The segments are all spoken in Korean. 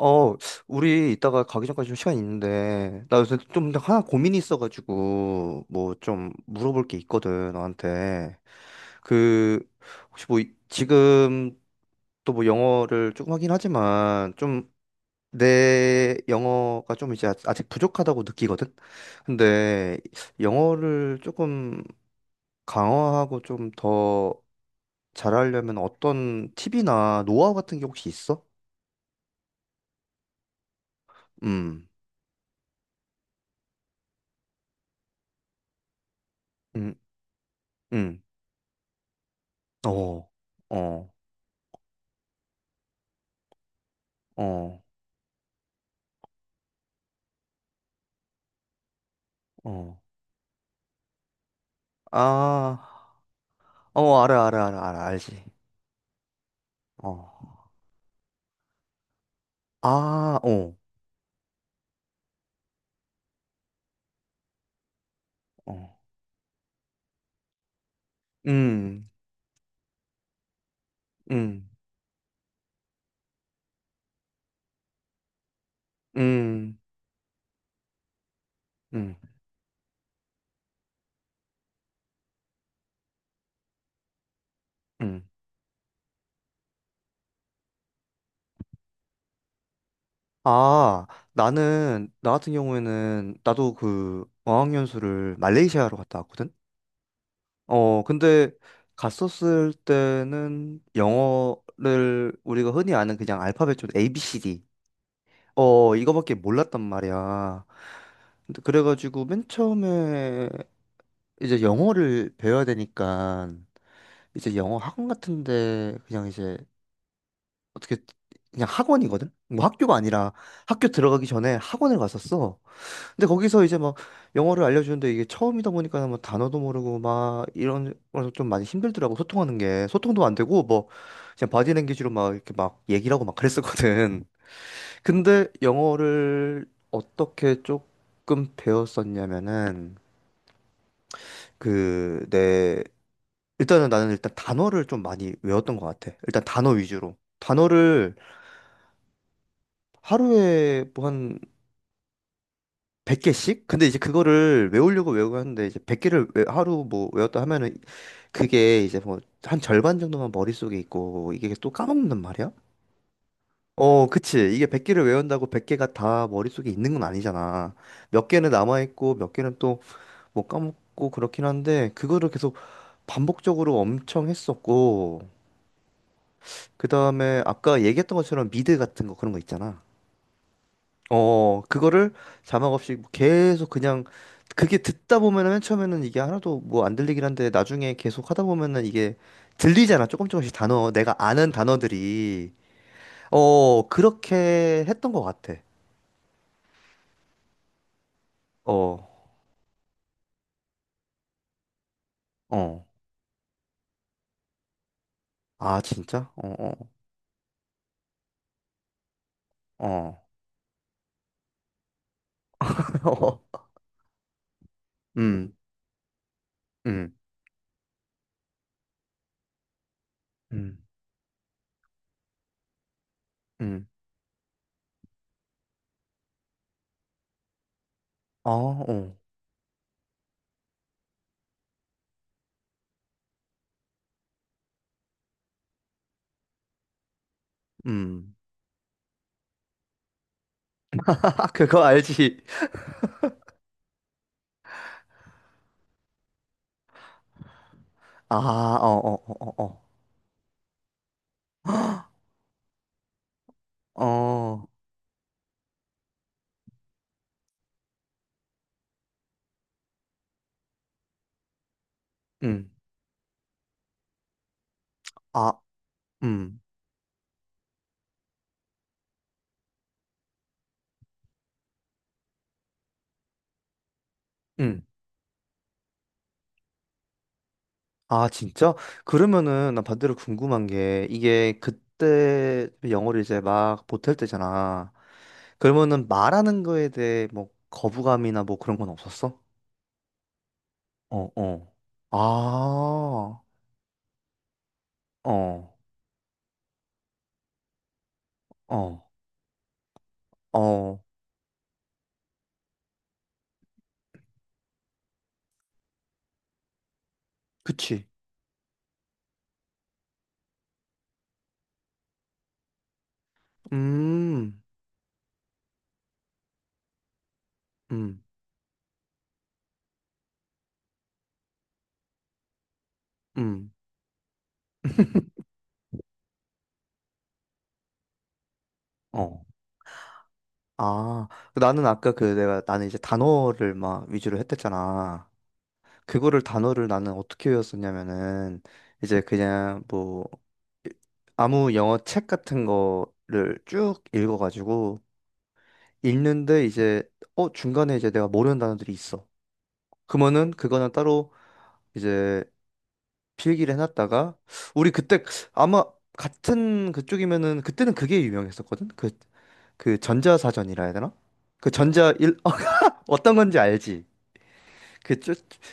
어, 우리 이따가 가기 전까지 좀 시간 있는데, 나 요새 좀 하나 고민이 있어가지고, 뭐 좀 물어볼 게 있거든, 너한테. 그, 혹시 뭐, 지금 또 뭐 영어를 조금 하긴 하지만, 좀 내 영어가 좀 이제 아직 부족하다고 느끼거든? 근데 영어를 조금 강화하고 좀 더 잘하려면 어떤 팁이나 노하우 같은 게 혹시 있어? 음, 음, 음. 어, 어, 어, 어. 아, 어, 알아, 알아, 알아, 알아, 알지. 어. 아, 어, 어. 음, 음, 음, 음, 음. 아, 나 같은 경우에는, 나도 어학연수를 말레이시아로 갔다 왔거든? 근데, 갔었을 때는, 영어를, 우리가 흔히 아는 그냥 알파벳 좀 ABCD, 이거밖에 몰랐단 말이야. 근데 그래가지고 맨 처음에 이제 영어를 배워야 되니까 이제 영어 학원 같은데 그냥 이제 어떻게, 그냥 학원이거든? 뭐 학교가 아니라 학교 들어가기 전에 학원을 갔었어. 근데 거기서 이제 막 영어를 알려주는데, 이게 처음이다 보니까 뭐 단어도 모르고 막 이런 거좀 많이 힘들더라고. 소통하는 게 소통도 안 되고, 뭐 그냥 바디랭귀지로 막 이렇게 막 얘기를 하고 막 그랬었거든. 근데 영어를 어떻게 조금 배웠었냐면은 그 내 일단은 나는 일단 단어를 좀 많이 외웠던 것 같아. 일단 단어 위주로. 단어를 하루에 뭐 한 100개씩? 근데 이제 그거를 외우려고 외우고 하는데, 이제 100개를 하루 뭐 외웠다 하면은 그게 이제 뭐 한 절반 정도만 머릿속에 있고 이게 또 까먹는단 말이야? 어, 그치. 이게 100개를 외운다고 100개가 다 머릿속에 있는 건 아니잖아. 몇 개는 남아있고, 몇 개는 못 까먹고 그렇긴 한데, 그거를 계속 반복적으로 엄청 했었고, 그다음에 아까 얘기했던 것처럼 미드 같은 거 그런 거 있잖아. 그거를 자막 없이 계속 그냥, 그게 듣다 보면은 맨 처음에는 이게 하나도 뭐 안 들리긴 한데, 나중에 계속 하다 보면은 이게 들리잖아. 조금 조금씩 단어, 내가 아는 단어들이. 그렇게 했던 것 같아. 어, 어. 아, 진짜? 어, 어, 어. 어. 음, 음, 음, 음. 아, 어. 음. 그거 알지? 아, 어, 어, 어, 어, 어. 어, 음. 아, 음. 음. 아, 진짜? 그러면은 난 반대로 궁금한 게, 이게 그때 영어를 이제 막 못할 때잖아. 그러면은 말하는 거에 대해 뭐 거부감이나 뭐 그런 건 없었어? 어, 어. 아, 어, 어, 어. 그치. 음, 음, 음. 어. 아, 나는 아까 그 내가 나는 이제 단어를 막 위주로 했댔잖아. 그거를, 단어를 나는 어떻게 외웠었냐면은, 이제 그냥 뭐 이- 아무 영어 책 같은 거를 쭉 읽어가지고, 읽는데 이제 중간에 이제 내가 모르는 단어들이 있어. 그러면은 그거는 따로 이제 필기를 해놨다가, 우리 그때 아마 같은 그쪽이면은 그때는 그게 유명했었거든. 그 전자사전이라 해야 되나? 그 전자 일 어, 떤 건지 알지? 그쭉어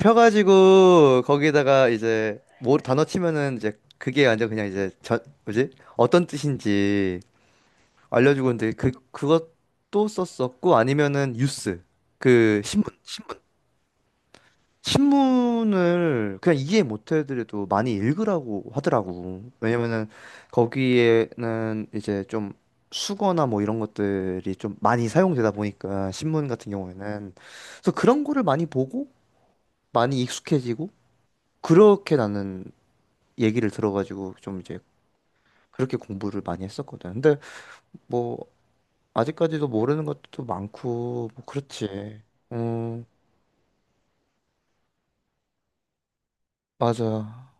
펴가지고 거기다가 이제 뭐 단어 치면은, 이제 그게 완전 그냥 이제 저 뭐지, 어떤 뜻인지 알려주고 는데, 그 그것도 썼었고, 아니면은 뉴스 그 신문 신문을 그냥 이해 못 해드려도 많이 읽으라고 하더라고. 왜냐면은 거기에는 이제 좀 수거나 뭐 이런 것들이 좀 많이 사용되다 보니까, 신문 같은 경우에는. 그래서 그런 거를 많이 보고 많이 익숙해지고, 그렇게 나는 얘기를 들어가지고 좀 이제 그렇게 공부를 많이 했었거든. 근데 뭐, 아직까지도 모르는 것도 많고 뭐 그렇지. 음, 맞아.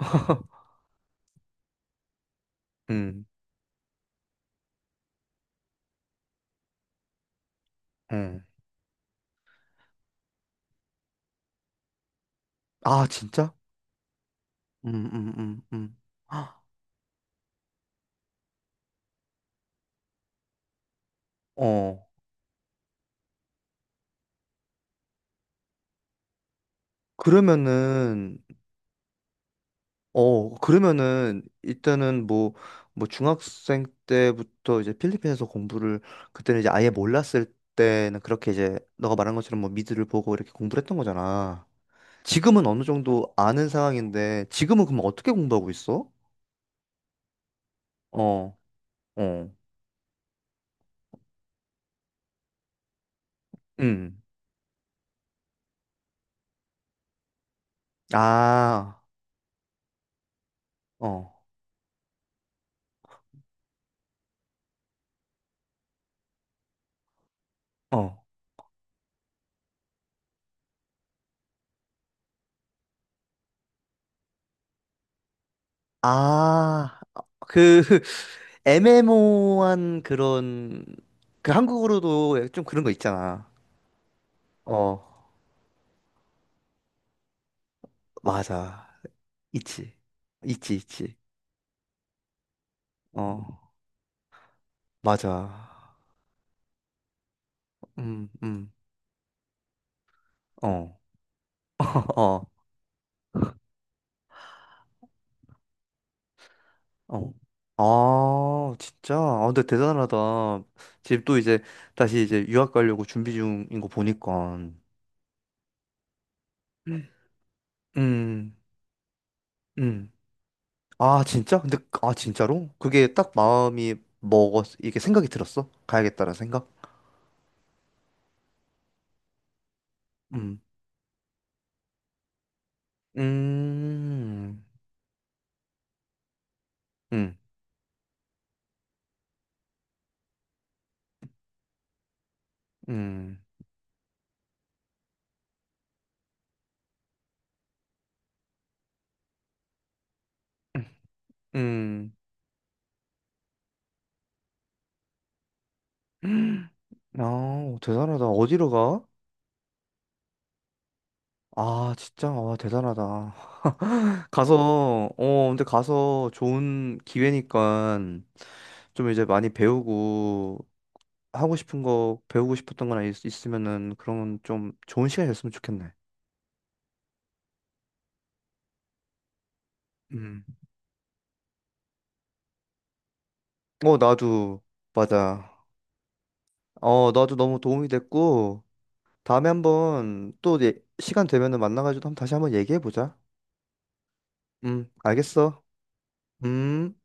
음. 음. 아, 진짜? 음, 음, 음, 음. 헉, 어, 그러면은, 그러면은, 일단은 뭐, 중학생 때부터 이제 필리핀에서 공부를, 그때는 이제 아예 몰랐을 때는 그렇게 이제, 너가 말한 것처럼 뭐, 미드를 보고 이렇게 공부를 했던 거잖아. 지금은 어느 정도 아는 상황인데, 지금은 그럼 어떻게 공부하고 있어? 어, 어, 음. 아, 어, 어. 아, 그, 애매모호한 그런, 그 한국으로도 좀 그런 거 있잖아. 어, 맞아. 있지. 있지, 있지. 어, 맞아. 음, 음. 어, 어, 어. 아, 진짜. 아, 근데 대단하다. 지금 또 이제 다시 이제 유학 가려고 준비 중인 거 보니까. 음, 음. 아, 진짜? 근데 아, 진짜로? 그게 딱 마음이 먹었 이게 생각이 들었어? 가야겠다라는 생각? 음. 음, 음, 음, 음. 아, 대단하다. 어디로 가? 아, 진짜, 아 대단하다. 근데 가서 좋은 기회니까 좀 이제 많이 배우고, 하고 싶은 거, 배우고 싶었던 거나 있으면은 그런 좀 좋은 시간이었으면 좋겠네. 음. 어, 나도, 맞아. 나도 너무 도움이 됐고, 다음에 한번 또 시간 되면은 만나가지고 한번 다시 한번 얘기해보자. 알겠어. 음.